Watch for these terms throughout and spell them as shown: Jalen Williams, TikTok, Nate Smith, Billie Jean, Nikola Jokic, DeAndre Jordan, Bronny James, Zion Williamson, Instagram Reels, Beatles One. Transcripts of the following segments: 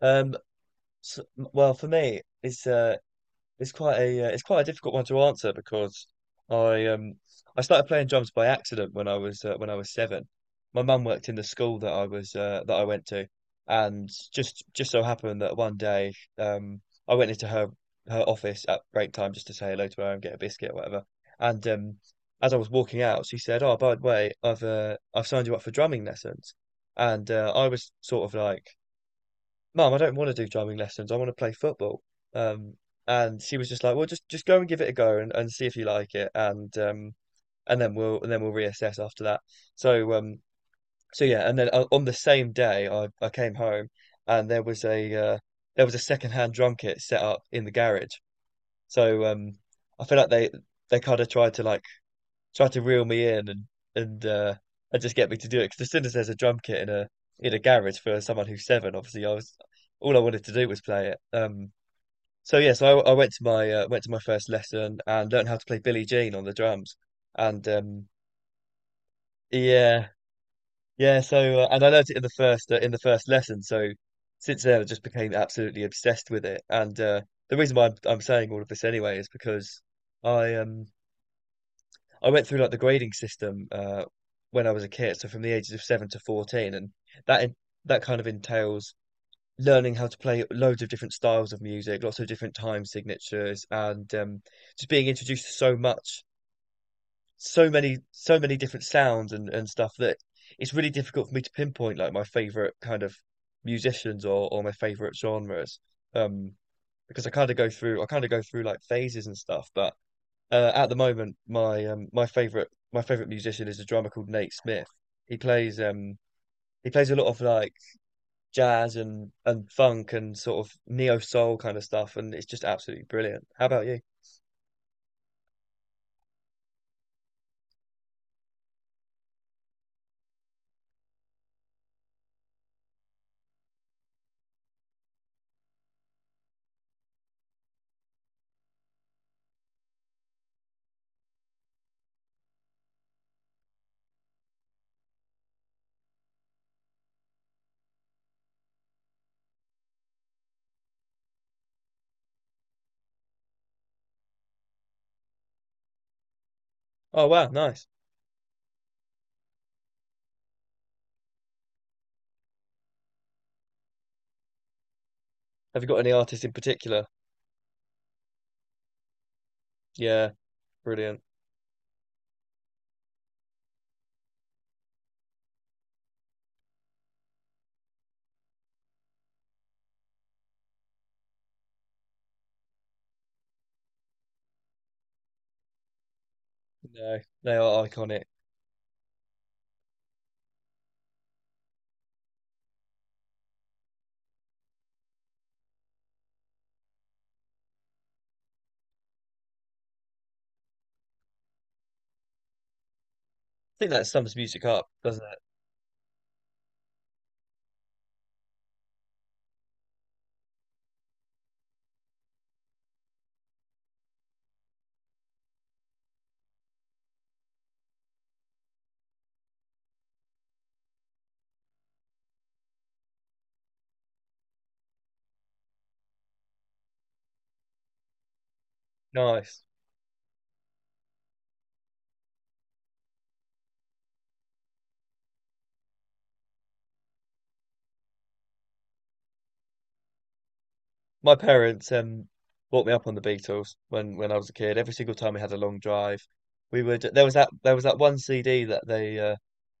Um, s well, for me, it's quite a difficult one to answer because I um I started playing drums by accident when I was seven. My mum worked in the school that I was that I went to, and just so happened that one day I went into her office at break time just to say hello to her and get a biscuit or whatever. And as I was walking out, she said, "Oh, by the way, I've signed you up for drumming lessons." And I was sort of like, Mum, I don't want to do drumming lessons. I want to play football. Um, and she was just like, well, just go and give it a go, and see if you like it, and then we'll reassess after that. So um, so yeah, and then on the same day, I came home and there was a secondhand drum kit set up in the garage. So um, I feel like they kind of tried to like try to reel me in and uh, and just get me to do it. Because as soon as there's a drum kit in a garage for someone who's seven, obviously I was all I wanted to do was play it. So yeah, so I went to my first lesson and learned how to play Billie Jean on the drums. And yeah, yeah. So and I learned it in the first lesson. So since then, I just became absolutely obsessed with it. And The reason why I'm saying all of this anyway is because I um I went through like the grading system when I was a kid, so from the ages of 7 to 14, and that that kind of entails learning how to play loads of different styles of music, lots of different time signatures, and just being introduced to so much, so many different sounds and stuff that it's really difficult for me to pinpoint like my favorite kind of musicians or my favorite genres, um, because I kind of go through like phases and stuff, but. At the moment, my favorite musician is a drummer called Nate Smith. He plays um he plays a lot of like jazz and funk and sort of neo soul kind of stuff, and it's just absolutely brilliant. How about you? Oh wow, nice. Have you got any artists in particular? Yeah, brilliant. No, they are iconic. I think that sums music up, doesn't it? Nice. My parents brought me up on the Beatles when I was a kid. Every single time we had a long drive, we would there was that one CD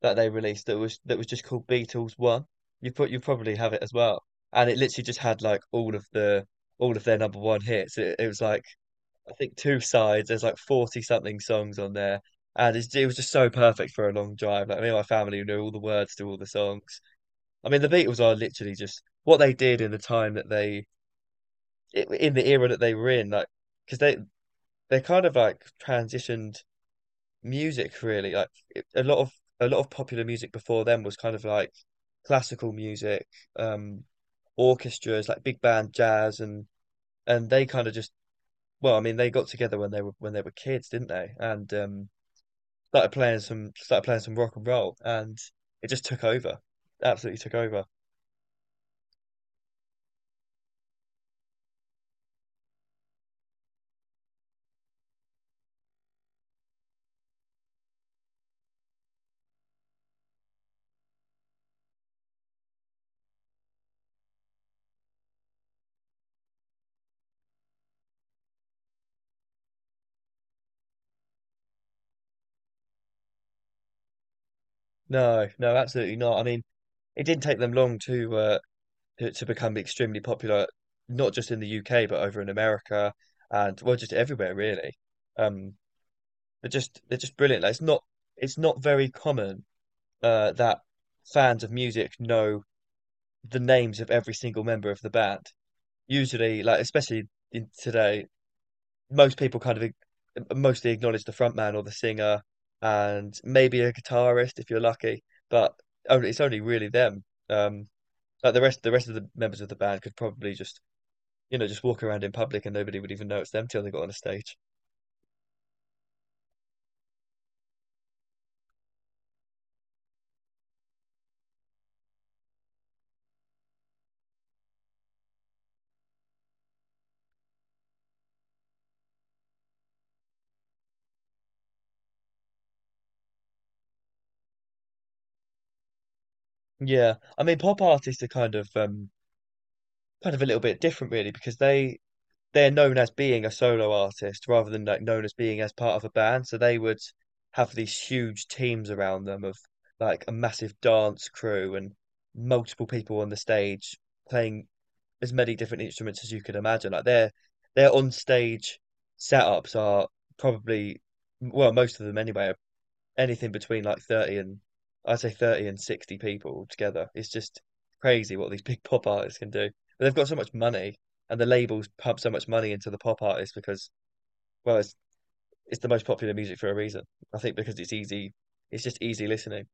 that they released that was just called Beatles One. You probably have it as well, and it literally just had like all of their number one hits. It was like, I think, two sides. There's like 40 something songs on there, it was just so perfect for a long drive. Like me and my family knew all the words to all the songs. I mean, the Beatles are literally just what they did in the time that they in the era that they were in, like because they kind of like transitioned music really. Like it- a lot of a lot of popular music before them was kind of like classical music, um, orchestras, like big band jazz, and they kind of just, well, I mean, they got together when they were kids, didn't they? And started playing some rock and roll, and it just took over, absolutely took over. No, no, absolutely not. I mean, it didn't take them long to become extremely popular, not just in the UK but over in America and, well, just everywhere really. Um, they're just brilliant. Like, it's not very common that fans of music know the names of every single member of the band. Usually, like especially in today, most people mostly acknowledge the frontman or the singer, and maybe a guitarist if you're lucky. But only it's only really them. Um, like the rest of the members of the band could probably just you know just walk around in public and nobody would even know it's them till they got on a stage. Yeah, I mean, pop artists are kind of a little bit different, really, because they're known as being a solo artist rather than like known as being as part of a band. So they would have these huge teams around them of like a massive dance crew and multiple people on the stage playing as many different instruments as you could imagine. Like their on stage setups are, probably, well, most of them anyway, are anything between like 30 and, I'd say, 30 and 60 people together. It's just crazy what these big pop artists can do. But they've got so much money and the labels pump so much money into the pop artists because, well, it's the most popular music for a reason. I think because it's easy, it's just easy listening.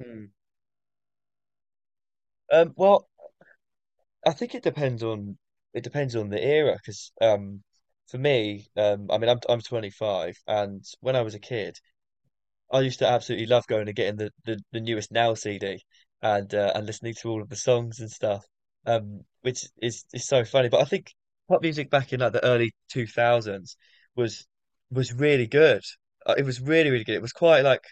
Hmm. Well, I think it depends on the era because, for me, I mean, I'm 25, and when I was a kid, I used to absolutely love going and getting the newest Now CD and listening to all of the songs and stuff, which is so funny. But I think pop music back in like the early 2000s was was really good. It was really, really good. It was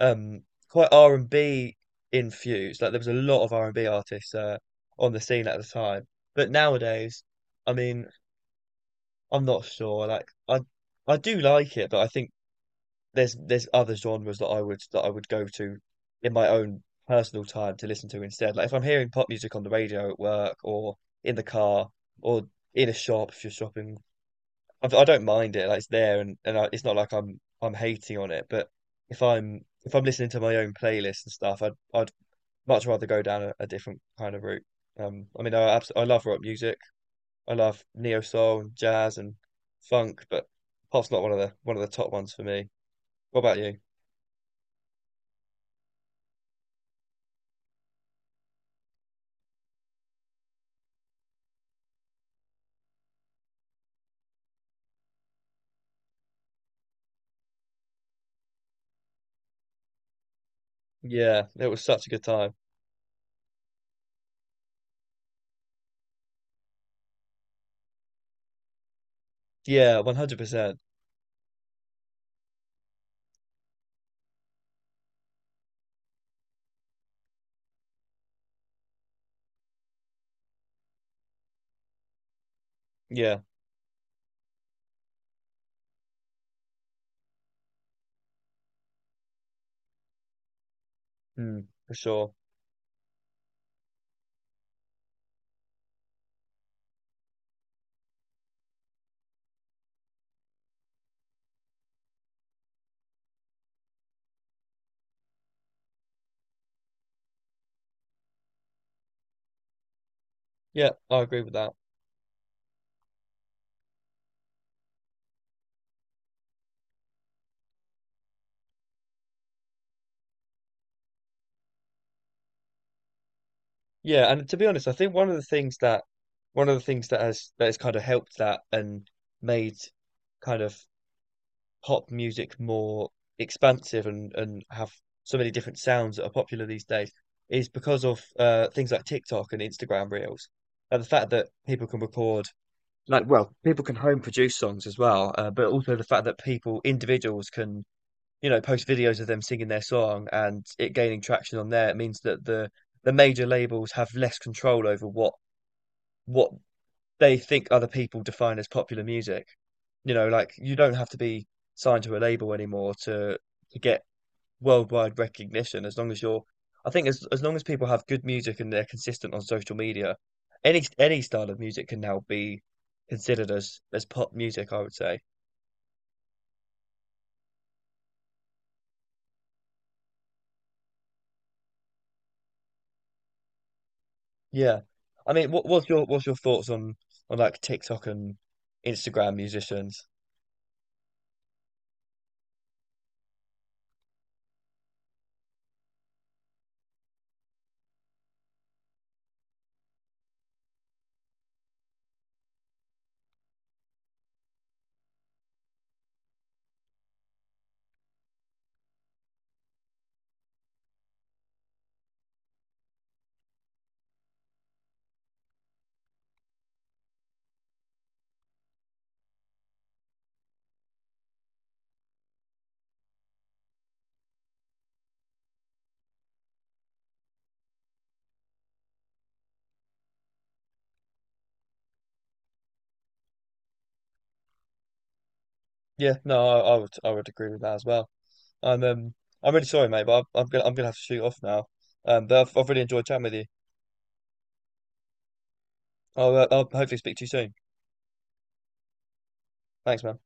um quite R and B infused. Like there was a lot of R and B artists on the scene at the time. But nowadays, I mean, I'm not sure. Like I do like it, but I think there's other genres that I would go to in my own personal time to listen to instead. Like if I'm hearing pop music on the radio at work or in the car or in a shop if you're shopping, I don't mind it. Like it's there, and it's not like I'm hating on it. But if I'm listening to my own playlist and stuff, I'd much rather go down a different kind of route. I mean, I love rock music. I love neo soul and jazz and funk, but pop's not one of the top ones for me. What about you? Yeah, it was such a good time. Yeah, 100%. Yeah, mm, for sure. Yeah, I agree with that. Yeah, and to be honest, I think one of the things that has kind of helped that and made, kind of, pop music more expansive and have so many different sounds that are popular these days is because of things like TikTok and Instagram Reels. And the fact that people can record, like, well, people can home produce songs as well, but also the fact that people, individuals can, post videos of them singing their song and it gaining traction on there, it means that the major labels have less control over what they think other people define as popular music. You know, like you don't have to be signed to a label anymore to get worldwide recognition as long as you're I think, as long as people have good music and they're consistent on social media, any style of music can now be considered as pop music, I would say. Yeah. I mean, what's your thoughts on like TikTok and Instagram musicians? Yeah, no, I would agree with that as well. I'm um I'm really sorry, mate, but I'm gonna have to shoot off now. But I've really enjoyed chatting with you. I'll hopefully speak to you soon. Thanks, man.